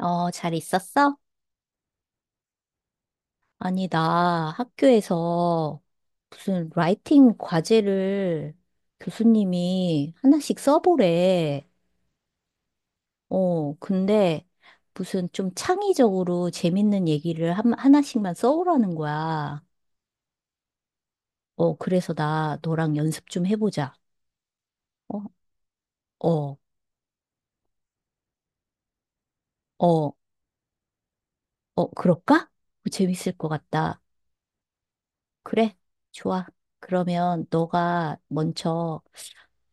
어, 잘 있었어? 아니, 나 학교에서 무슨 라이팅 과제를 교수님이 하나씩 써보래. 근데 무슨 좀 창의적으로 재밌는 얘기를 하나씩만 써오라는 거야. 그래서 나 너랑 연습 좀 해보자. 어, 어, 어, 어, 그럴까? 재밌을 것 같다. 그래, 좋아. 그러면 너가 먼저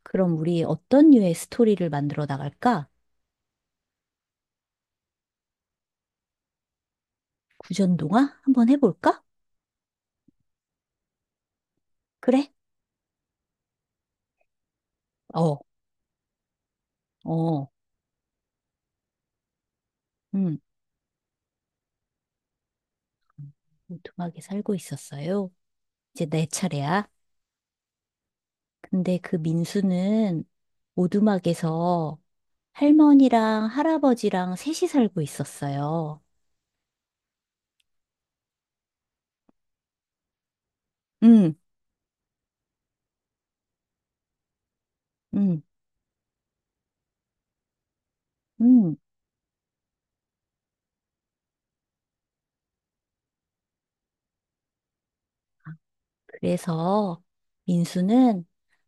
그럼 우리 어떤 류의 스토리를 만들어 나갈까? 구전동화 한번 해볼까? 그래? 어, 어, 음. 오두막에 살고 있었어요. 이제 내 차례야. 근데 그 민수는 오두막에서 할머니랑 할아버지랑 셋이 살고 있었어요. 응, 응, 응. 그래서 민수는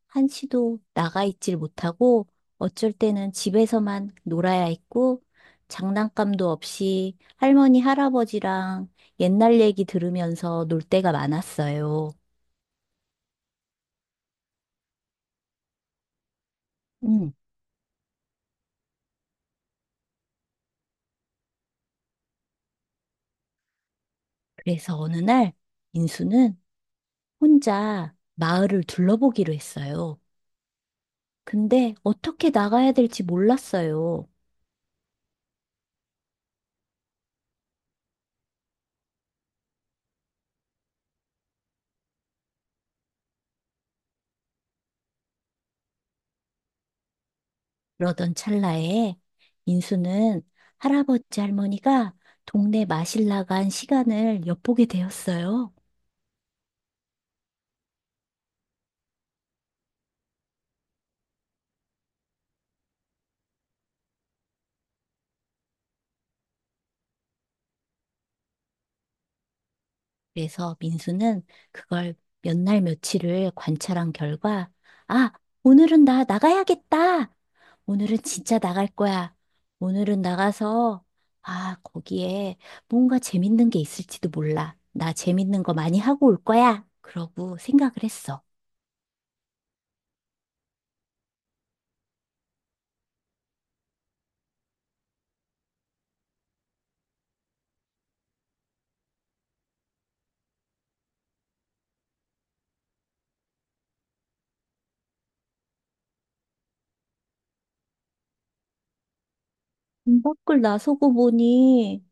한시도 나가 있질 못하고 어쩔 때는 집에서만 놀아야 했고 장난감도 없이 할머니, 할아버지랑 옛날 얘기 들으면서 놀 때가 많았어요. 음, 그래서 어느 날 인수는 혼자 마을을 둘러보기로 했어요. 근데 어떻게 나가야 될지 몰랐어요. 그러던 찰나에 인수는 할아버지 할머니가 동네 마실 나간 시간을 엿보게 되었어요. 그래서 민수는 그걸 몇 날 며칠을 관찰한 결과, 아, 오늘은 나 나가야겠다. 오늘은 진짜 나갈 거야. 오늘은 나가서, 아, 거기에 뭔가 재밌는 게 있을지도 몰라. 나 재밌는 거 많이 하고 올 거야. 그러고 생각을 했어. 문 밖을 나서고 보니,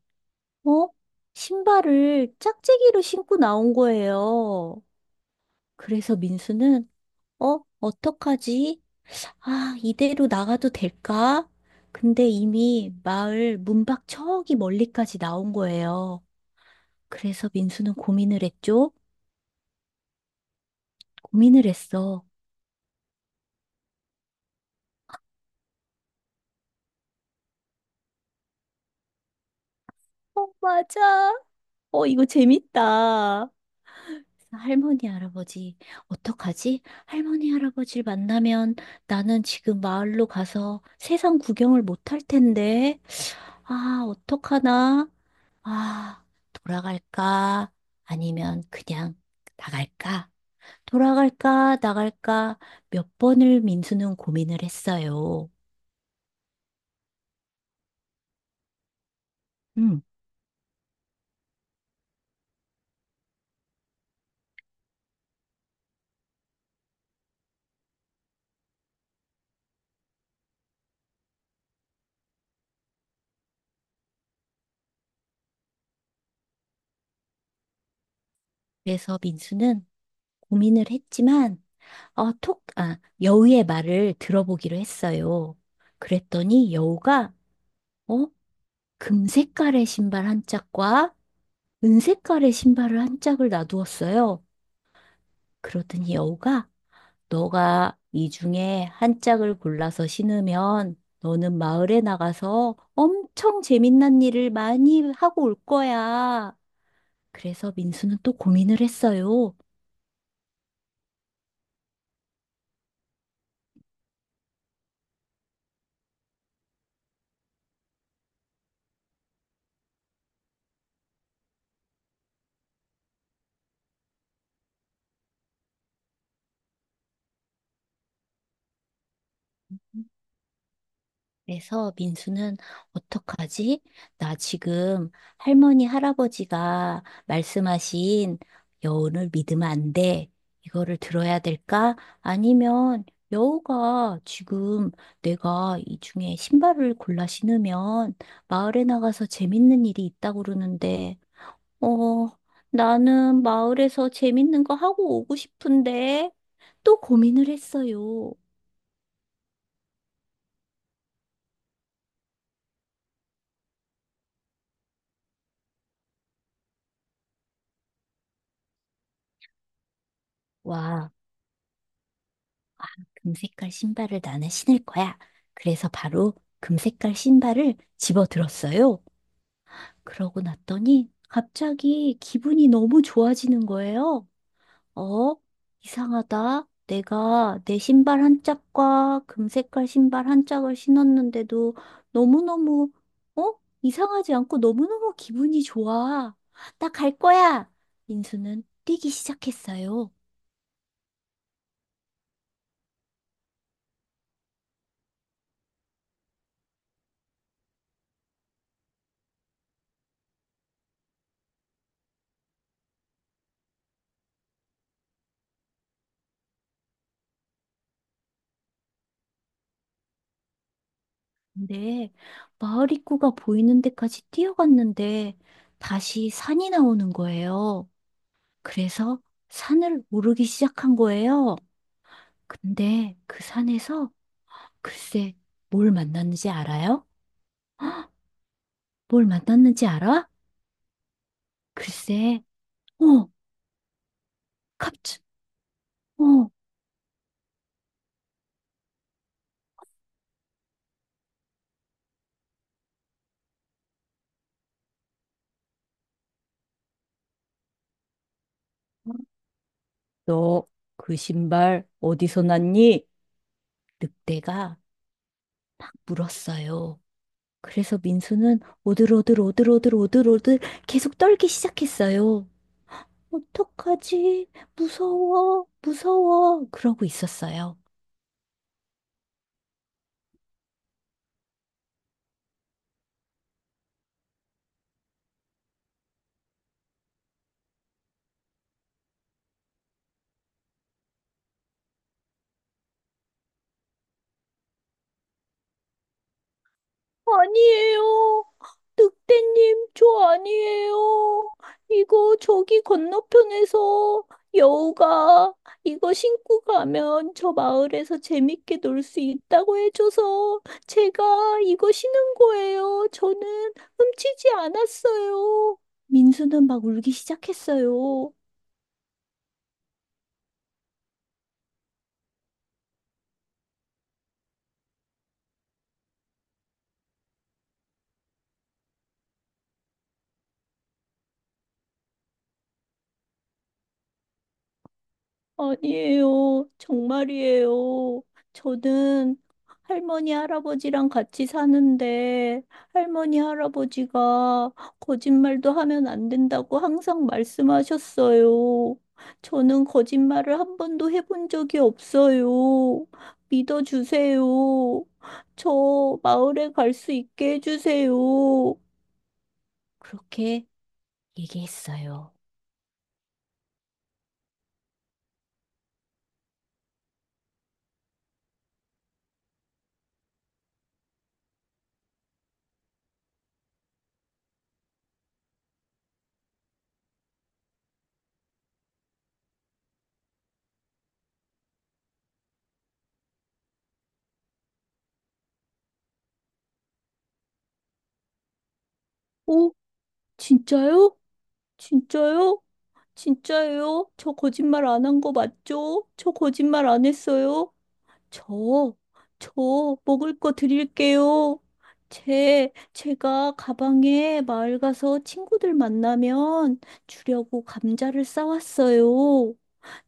어? 신발을 짝재기로 신고 나온 거예요. 그래서 민수는, 어? 어떡하지? 아, 이대로 나가도 될까? 근데 이미 마을 문밖 저기 멀리까지 나온 거예요. 그래서 민수는 고민을 했죠? 고민을 했어. 어, 맞아. 어, 이거 재밌다. 할머니, 할아버지, 어떡하지? 할머니, 할아버지를 만나면 나는 지금 마을로 가서 세상 구경을 못 할 텐데. 아, 어떡하나? 아, 돌아갈까? 아니면 그냥 나갈까? 돌아갈까, 나갈까 몇 번을 민수는 고민을 했어요. 음. 그래서 민수는 고민을 했지만, 여우의 말을 들어보기로 했어요. 그랬더니 여우가, 어, 금색깔의 신발 한 짝과 은색깔의 신발을 한 짝을 놔두었어요. 그러더니 여우가, 너가 이 중에 한 짝을 골라서 신으면 너는 마을에 나가서 엄청 재밌는 일을 많이 하고 올 거야. 그래서 민수는 또 고민을 했어요. 그래서 민수는 어떡하지? 나 지금 할머니, 할아버지가 말씀하신 여운을 믿으면 안 돼. 이거를 들어야 될까? 아니면 여우가 지금 내가 이 중에 신발을 골라 신으면 마을에 나가서 재밌는 일이 있다고 그러는데, 어, 나는 마을에서 재밌는 거 하고 오고 싶은데 또 고민을 했어요. 와. 금색깔 신발을 나는 신을 거야. 그래서 바로 금색깔 신발을 집어 들었어요. 그러고 났더니 갑자기 기분이 너무 좋아지는 거예요. 어? 이상하다. 내가 내 신발 한 짝과 금색깔 신발 한 짝을 신었는데도 너무너무, 어? 이상하지 않고 너무너무 기분이 좋아. 나 갈 거야. 민수는 뛰기 시작했어요. 네, 마을 입구가 보이는 데까지 뛰어갔는데 다시 산이 나오는 거예요. 그래서 산을 오르기 시작한 거예요. 근데 그 산에서 글쎄 뭘 만났는지 알아요? 뭘 만났는지 알아? 글쎄, 어, 갑자, 어, 너 그 신발 어디서 났니? 늑대가 물었어요. 그래서 민수는 오들오들 오들오들 오들오들 계속 떨기 시작했어요. 어떡하지? 무서워, 무서워. 그러고 있었어요. 아니에요. 늑대님, 저 아니에요. 이거 저기 건너편에서 여우가 이거 신고 가면 저 마을에서 재밌게 놀 수 있다고 해줘서 제가 이거 신은 거예요. 저는 훔치지 않았어요. 민수는 막 울기 시작했어요. 아니에요. 정말이에요. 저는 할머니, 할아버지랑 같이 사는데, 할머니, 할아버지가 거짓말도 하면 안 된다고 항상 말씀하셨어요. 저는 거짓말을 한 번도 해본 적이 없어요. 믿어주세요. 저 마을에 갈 수 있게 해주세요. 그렇게 얘기했어요. 오, 진짜요? 진짜요? 진짜예요? 저 거짓말 안 한 거 맞죠? 저 거짓말 안 했어요? 저, 저 먹을 거 드릴게요. 제가 가방에 마을 가서 친구들 만나면 주려고 감자를 싸왔어요.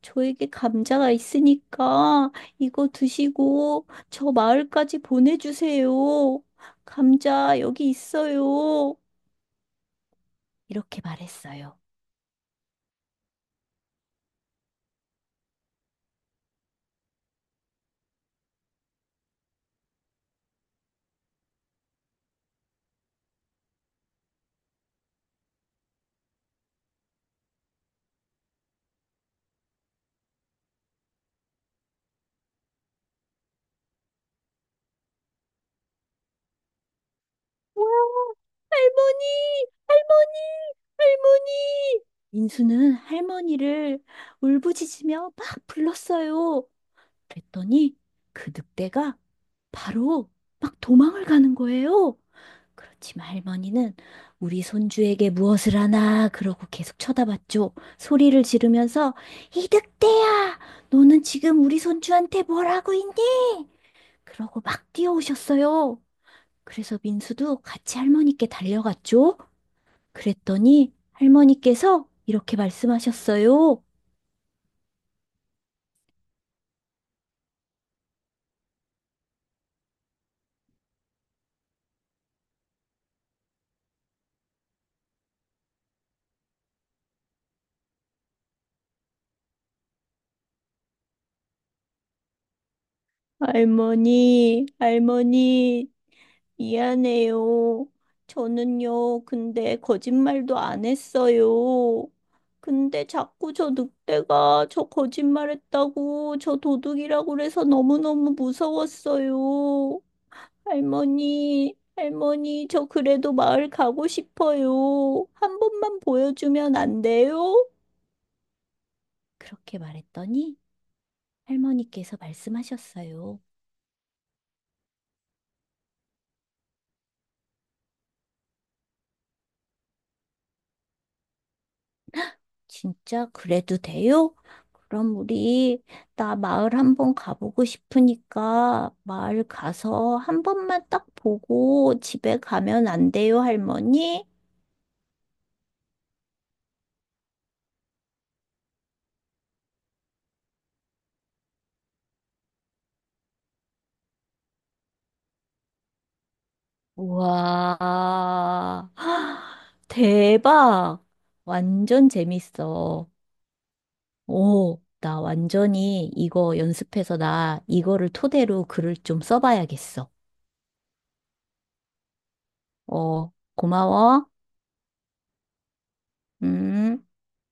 저에게 감자가 있으니까 이거 드시고 저 마을까지 보내주세요. 감자 여기 있어요. 이렇게 말했어요. 할머니, 할머니, 할머니. 민수는 할머니를 울부짖으며 막 불렀어요. 그랬더니 그 늑대가 바로 막 도망을 가는 거예요. 그렇지만 할머니는 우리 손주에게 무엇을 하나 그러고 계속 쳐다봤죠. 소리를 지르면서 이 늑대야, 너는 지금 우리 손주한테 뭘 하고 있니? 그러고 막 뛰어오셨어요. 그래서 민수도 같이 할머니께 달려갔죠. 그랬더니 할머니께서 이렇게 말씀하셨어요. 할머니, 할머니, 미안해요. 저는요, 근데 거짓말도 안 했어요. 근데 자꾸 저 늑대가 저 거짓말했다고 저 도둑이라고 그래서 너무너무 무서웠어요. 할머니, 할머니, 저 그래도 마을 가고 싶어요. 한 번만 보여주면 안 돼요? 그렇게 말했더니 할머니께서 말씀하셨어요. 진짜 그래도 돼요? 그럼 우리 나 마을 한번 가보고 싶으니까 마을 가서 한 번만 딱 보고 집에 가면 안 돼요, 할머니? 우와, 대박! 완전 재밌어. 오, 나 완전히 이거 연습해서 나 이거를 토대로 글을 좀 써봐야겠어. 어, 고마워. 음.